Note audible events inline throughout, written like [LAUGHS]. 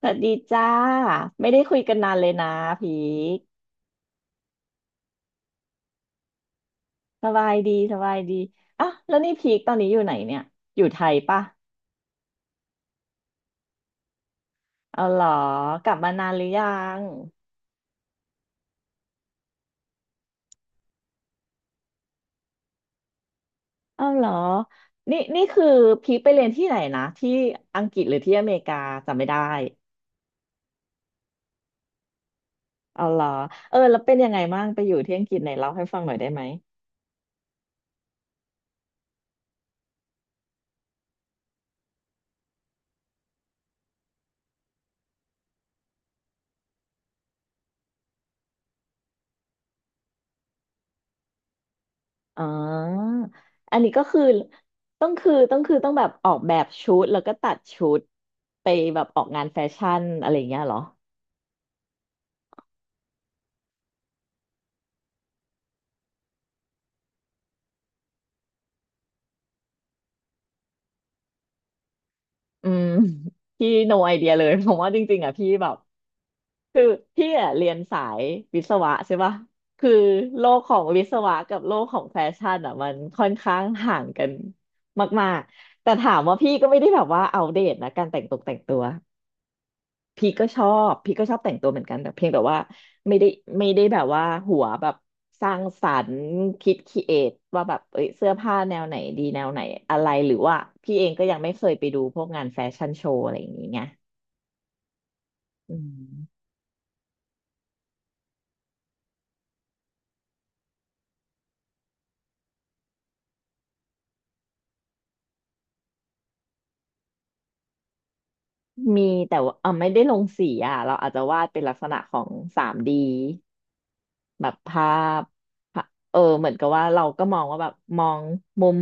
สวัสดีจ้าไม่ได้คุยกันนานเลยนะพีคสบายดีสบายดีอ่ะแล้วนี่พีคตอนนี้อยู่ไหนเนี่ยอยู่ไทยปะเอาเหรอกลับมานานหรือยังเอาเหรอนี่คือพีคไปเรียนที่ไหนนะที่อังกฤษหรือที่อเมริกาจำไม่ได้เอาเหรอเออแล้วเป็นยังไงบ้างไปอยู่ที่อังกฤษไหนเล่าให้ฟังหน่อยได้ไหมอ๋ออันนี้ก็คือต้องแบบออกแบบชุดแล้วก็ตัดชุดไปแบบออกงานแฟชั่นอะไรอย่างเงี้ยเหรอ อืม [LAUGHS] พี่ no idea เลย [LAUGHS] ผมว่าจริงๆอ่ะพี่แบบคือพี่อ่ะเรียนสายวิศวะใช่ปะคือโลกของวิศวะกับโลกของแฟชั่นอ่ะมันค่อนข้างห่างกันมากๆแต่ถามว่าพี่ก็ไม่ได้แบบว่าอัปเดตนะการแต่งตกแต่งตัวพี่ก็ชอบแต่งตัวเหมือนกันแต่เพียงแต่ว่าไม่ได้ไม่ได้แบบว่าหัวแบบสร้างสรรค์คิดครีเอทว่าแบบเอ้ยเสื้อผ้าแนวไหนดีแนวไหนอะไรหรือว่าพี่เองก็ยังไม่เคยไปดูพวกงานแฟชั่นโชว์อะไรอย่างนี้ไง อืมมีแต่ว่าเออไม่ได้ลงสีอ่ะเราอาจจะวาดเป็นลักษณะของ 3D แบบภาพภาเออเหมือนกับว่าเราก็มองว่าแบบมองมุม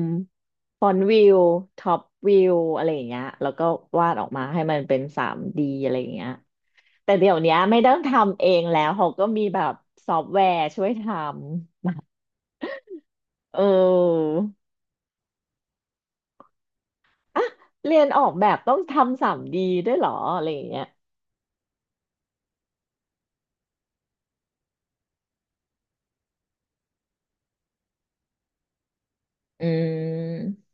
ฟรอนต์วิวท็อปวิวอะไรอย่างเงี้ยแล้วก็วาดออกมาให้มันเป็น 3D อะไรอย่างเงี้ยแต่เดี๋ยวเนี้ยไม่ต้องทำเองแล้วเขาก็มีแบบซอฟต์แวร์ช่วยทำเอออ่ะเรียนออกแบบต้องทำ 3D ด้วยเหรออะไรอย่างเงี้ยอืม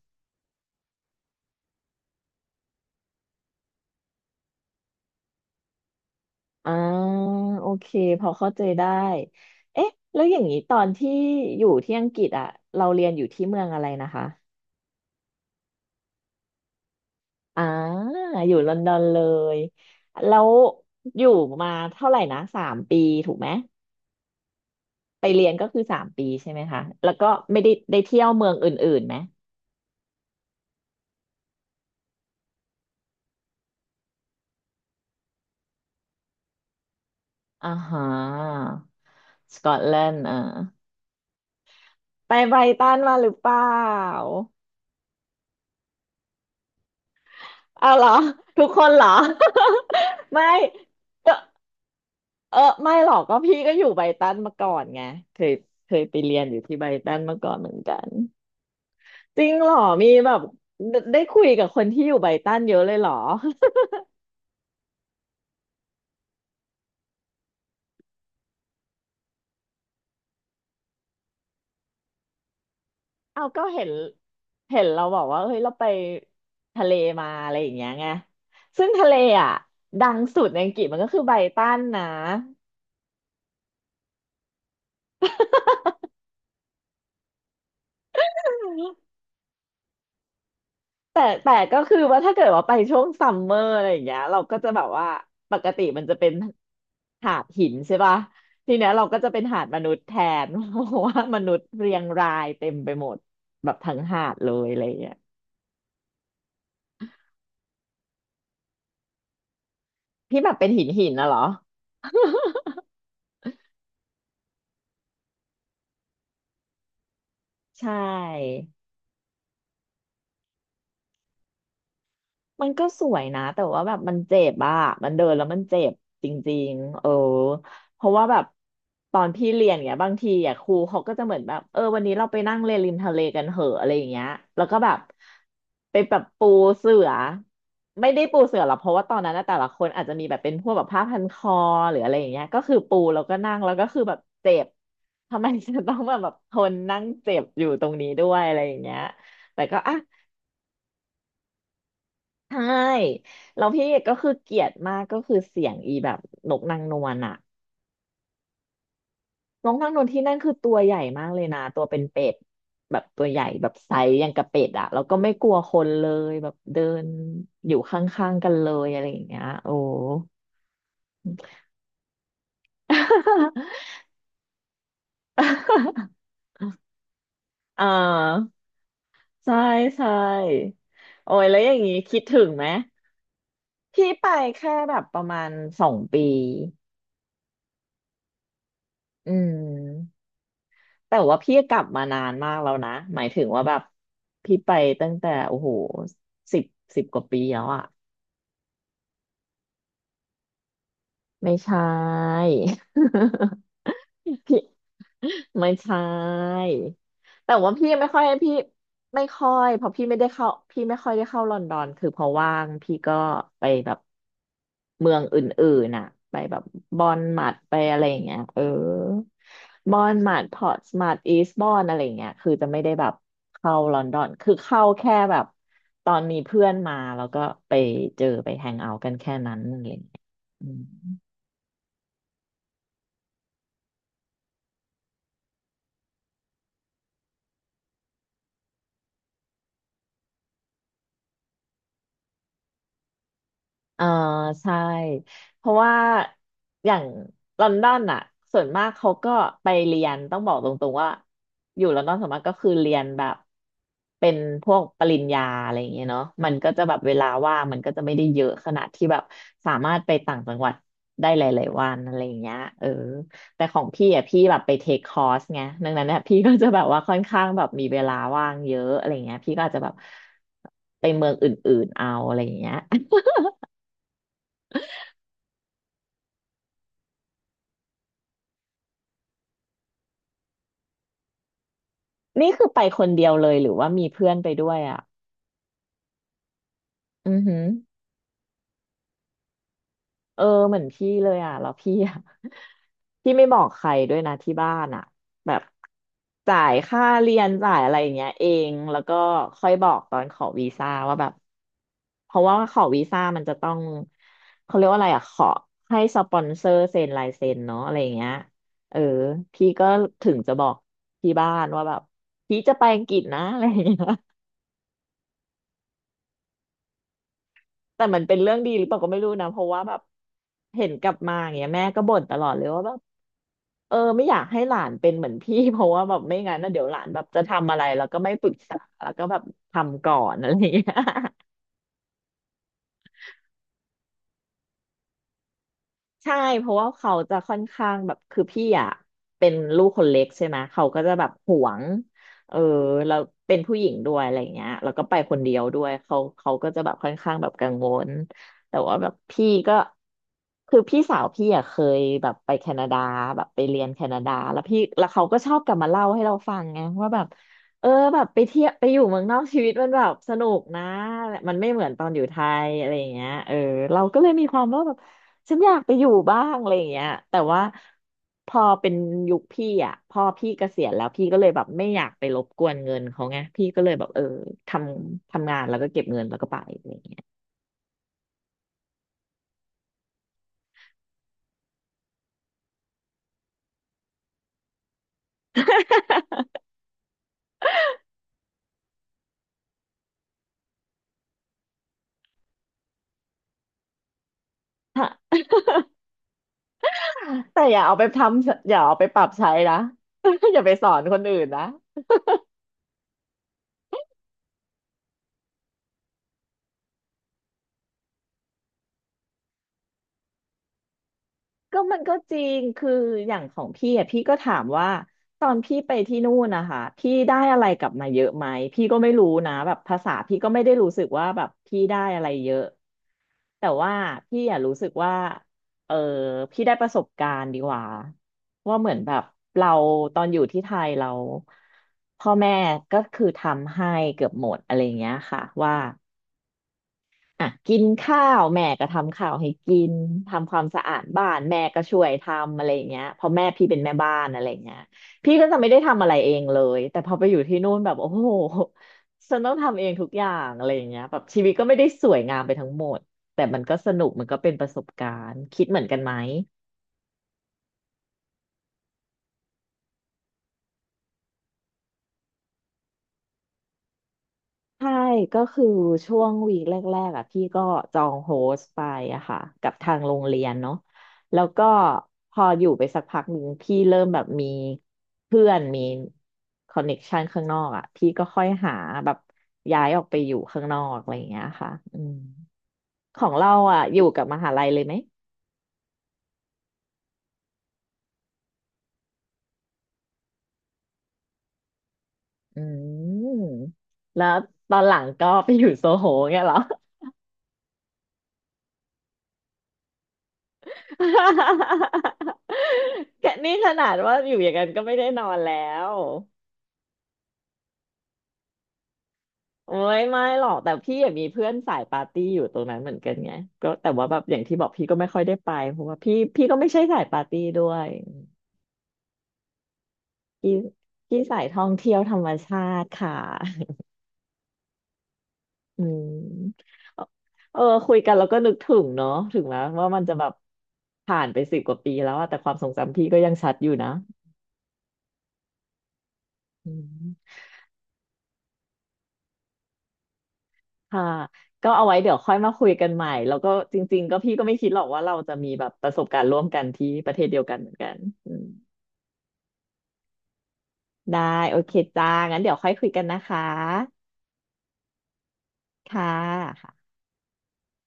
อ่าโอเคพอเข้าใจได้เอ๊ะแล้วอย่างนี้ตอนที่อยู่ที่อังกฤษอ่ะเราเรียนอยู่ที่เมืองอะไรนะคะอ่าอยู่ลอนดอนเลยแล้วอยู่มาเท่าไหร่นะสามปีถูกไหมไปเรียนก็คือสามปีใช่ไหมคะแล้วก็ไม่ได้ได้เที่ยวเมืองอื่นๆไหมอ่าฮะสกอตแลนด์อ่าไปไบรตันมาหรือเปล่าเอาเหรอทุกคนเหรอ [LAUGHS] ไม่ เออไม่หรอกก็พี่ก็อยู่ไบรตันมาก่อนไงเคยเคยไปเรียนอยู่ที่ไบรตันมาก่อนเหมือนกันจริงเหรอมีแบบได้คุยกับคนที่อยู่ไบรตันเยอะเลยเหรอ [LAUGHS] เอาก็เห็นเราบอกว่าเฮ้ยเราไปทะเลมาอะไรอย่างเงี้ยไงซึ่งทะเลอ่ะดังสุดในอังกฤษมันก็คือไบรตันนะ แต่ก็คือว่าถ้าเกิดว่าไปช่วงซัมเมอร์อะไรอย่างเงี้ยเราก็จะแบบว่าปกติมันจะเป็นหาดหินใช่ป่ะทีเนี้ยเราก็จะเป็นหาดมนุษย์แทน [LAUGHS] เพราะว่ามนุษย์เรียงรายเต็มไปหมดแบบทั้งหาดเลยอะไรอย่างเงี้ยพี่แบบเป็นหินหินนะเหรอใช่ มันก็สวยนะแต่ว่าแบบมันเจ็บอะมันเดินแล้วมันเจ็บจริงๆเออเพราะว่าแบบตอนพี่เรียนเนี้ยบางทีอ่ะครูเขาก็จะเหมือนแบบเออวันนี้เราไปนั่งเล่นริมทะเลกันเหอะอะไรอย่างเงี้ยแล้วก็แบบไปแบบปูเสือไม่ได้ปูเสือหรอกเพราะว่าตอนนั้นนะแต่ละคนอาจจะมีแบบเป็นพวกแบบผ้าพันคอหรืออะไรอย่างเงี้ยก็คือปูแล้วก็นั่งแล้วก็คือแบบเจ็บทำไมจะต้องมาแบบทนนั่งเจ็บอยู่ตรงนี้ด้วยอะไรอย่างเงี้ยแต่ก็อ่ะ ใช่แล้วก็คือเกลียดมากก็คือเสียงอีแบบนกนางนวลอะนกนางนวลที่นั่นคือตัวใหญ่มากเลยนะตัวเป็นเป็ดแบบตัวใหญ่แบบไซส์อย่างกับเป็ดอะแล้วก็ไม่กลัวคนเลยแบบเดินอยู่ข้างๆกันเลยอะไรอย่างเงี้ยโอ้ [LAUGHS] อ่าใช่ใช่โอ้ยแล้วอย่างงี้คิดถึงไหมพี่ไปแค่แบบประมาณ2 ปีอืม แต่ว่าพี่กลับมานานมากแล้วนะหมายถึงว่าแบบพี่ไปตั้งแต่โอ้โหสิบ10 กว่าปีแล้วอะไม่ใช่ [LAUGHS] [LAUGHS] พี่ไม่ใช่แต่ว่าพี่ไม่ค่อยเพราะพี่ไม่ค่อยได้เข้าลอนดอนคือพอว่างพี่ก็ไปแบบเมืองอื่นๆน่ะไปแบบบอนมัดไปอะไรอย่างเงี้ยเออบอนมัดพอร์ตสมัดอีสบอนอะไรอย่างเงี้ยคือจะไม่ได้แบบเข้าลอนดอนคือเข้าแค่แบบตอนมีเพื่อนมาแล้วก็ไปเจอไปแฮงเอาท์กันแค่นั้นอะไรอย่างเงี้ยอืม อ่าใช่เพราะว่าอย่างลอนดอนอ่ะส่วนมากเขาก็ไปเรียนต้องบอกตรงๆว่าอยู่ลอนดอนส่วนมากก็คือเรียนแบบเป็นพวกปริญญาอะไรอย่างเงี้ยเนาะมันก็จะแบบเวลาว่างมันก็จะไม่ได้เยอะขนาดที่แบบสามารถไปต่างจังหวัดได้หลายๆวันอะไรอย่างเงี้ยเออแต่ของพี่อ่ะพี่แบบไปเทคคอร์สไงดังนั้นเนี่ยพี่ก็จะแบบว่าค่อนข้างแบบมีเวลาว่างเยอะอะไรอย่างเงี้ยพี่ก็อาจจะแบบไปเมืองอื่นๆเอาอะไรอย่างเงี้ย นี่คือไปคนเดียวเลยหรือว่ามีเพื่อนไปด้วยอ่ะอือหือเออเหมือนพี่เลยอ่ะแล้วพี่อ่ะ [LAUGHS] พี่ไม่บอกใครด้วยนะที่บ้านอ่ะแบบจ่ายค่าเรียนจ่ายอะไรอย่างเงี้ยเองแล้วก็ค่อยบอกตอนขอวีซ่าว่าแบบเพราะว่าขอวีซ่ามันจะต้องเขาเรียกว่าอะไรอ่ะขอให้สปอนเซอร์เซ็นลายเซ็นเนาะอะไรอย่างเงี้ยเออพี่ก็ถึงจะบอกที่บ้านว่าแบบพี่จะไปอังกฤษนะ [LAUGHS] อะไรอย่างเงี้ย แต่มันเป็นเรื่องดีหรือเปล่าก็ไม่รู้นะเพราะว่าแบบเห็นกลับมาอย่างเงี้ยแม่ก็บ่นตลอดเลยว่าแบบเออไม่อยากให้หลานเป็นเหมือนพี่ [LAUGHS] เพราะว่าแบบไม่งั้นนะเดี๋ยวหลานแบบจะทำอะไรแล้วก็ไม่ปรึกษาแล้วก็แบบทำก่อนอะไรอย่างเงี้ย ใช่เพราะว่าเขาจะค่อนข้างแบบคือพี่อ่ะเป็นลูกคนเล็กใช่ไหมเขาก็จะแบบหวงเออแล้วเป็นผู้หญิงด้วยอะไรเงี้ยแล้วก็ไปคนเดียวด้วยเขาก็จะแบบค่อนข้างแบบกังวลแต่ว่าแบบพี่ก็คือพี่สาวพี่อ่ะเคยแบบไปแคนาดาแบบไปเรียนแคนาดาแล้วพี่แล้วเขาก็ชอบกลับมาเล่าให้เราฟังไงว่าแบบเออแบบไปเที่ยวไปอยู่เมืองนอกชีวิตมันแบบสนุกนะมันไม่เหมือนตอนอยู่ไทยอะไรอย่างเงี้ยเออเราก็เลยมีความว่าแบบ ฉันอยากไปอยู่บ้างอะไรอย่างเงี้ยแต่ว่าพอเป็นยุคพี่อ่ะพอพี่เกษียณแล้วพี่ก็เลยแบบไม่อยากไปรบกวนเงินเขาไงพี่ก็เลยแบบเออททำงานแล้วก็เก็บเงินแล้วก็ไปอะไรอย่างเงี้ย [LAUGHS] แต่อย่าเอาไปทำอย่าเอาไปปรับใช้นะ [LAUGHS] อย่าไปสอนคนอื่นนะ ก็มันก็จริง คืออย่างของพี่อ่ะพี่ก็ถามว่าตอนพี่ไปที่นู่นนะคะพี่ได้อะไรกลับมาเยอะไหมพี่ก็ไม่รู้นะแบบภาษาพี่ก็ไม่ได้รู้สึกว่าแบบพี่ได้อะไรเยอะแต่ว่าพี่อ่ะรู้สึกว่าเออพี่ได้ประสบการณ์ดีกว่าว่าเหมือนแบบเราตอนอยู่ที่ไทยเราพ่อแม่ก็คือทำให้เกือบหมดอะไรอย่างเงี้ยค่ะว่า อ่ะกินข้าวแม่ก็ทำข้าวให้กินทำความสะอาดบ้านแม่ก็ช่วยทำอะไรอย่างเงี้ยเพราะแม่พี่เป็นแม่บ้านอะไรอย่างเงี้ยพี่ก็จะไม่ได้ทำอะไรเองเลยแต่พอไปอยู่ที่นู่นแบบโอ้โหฉันต้องทำเองทุกอย่างอะไรอย่างเงี้ยแบบชีวิตก็ไม่ได้สวยงามไปทั้งหมดแต่มันก็สนุกมันก็เป็นประสบการณ์คิดเหมือนกันไหม ใช่ก็คือช่วงวีคแรกๆอ่ะพี่ก็จองโฮสต์ไปอะค่ะกับทางโรงเรียนเนาะแล้วก็พออยู่ไปสักพักหนึ่งพี่เริ่มแบบมีเพื่อนมีคอนเน็กชันข้างนอกอ่ะพี่ก็ค่อยหาแบบย้ายออกไปอยู่ข้างนอกอะไรอย่างเงี้ยค่ะอืมของเราอ่ะอยู่กับมหาลัยเลยไหมอืมแล้วตอนหลังก็ไปอยู่โซโหเงี้ยเหรอ [LAUGHS] แกนี่ขนาดว่าอยู่อย่างนั้นก็ไม่ได้นอนแล้ว โอ้ยไม่หรอกแต่พี่อะมีเพื่อนสายปาร์ตี้อยู่ตรงนั้นเหมือนกันไงก็แต่ว่าแบบอย่างที่บอกพี่ก็ไม่ค่อยได้ไปเพราะว่าพี่ก็ไม่ใช่สายปาร์ตี้ด้วยพี่พี่สายท่องเที่ยวธรรมชาติค่ะอืมเออคุยกันแล้วก็นึกถึงเนาะถึงแม้ว่ามันจะแบบผ่านไปสิบกว่าปีแล้วอะแต่ความทรงจำพี่ก็ยังชัดอยู่นะอืมค่ะก็เอาไว้เดี๋ยวค่อยมาคุยกันใหม่แล้วก็จริงๆก็พี่ก็ไม่คิดหรอกว่าเราจะมีแบบประสบการณ์ร่วมกันที่ประเทศเดียวกันเหมือนกันอืม ได้โอเคจ้า งั้นเดี๋ยวค่อยคุยกันนะคะ ค่ะ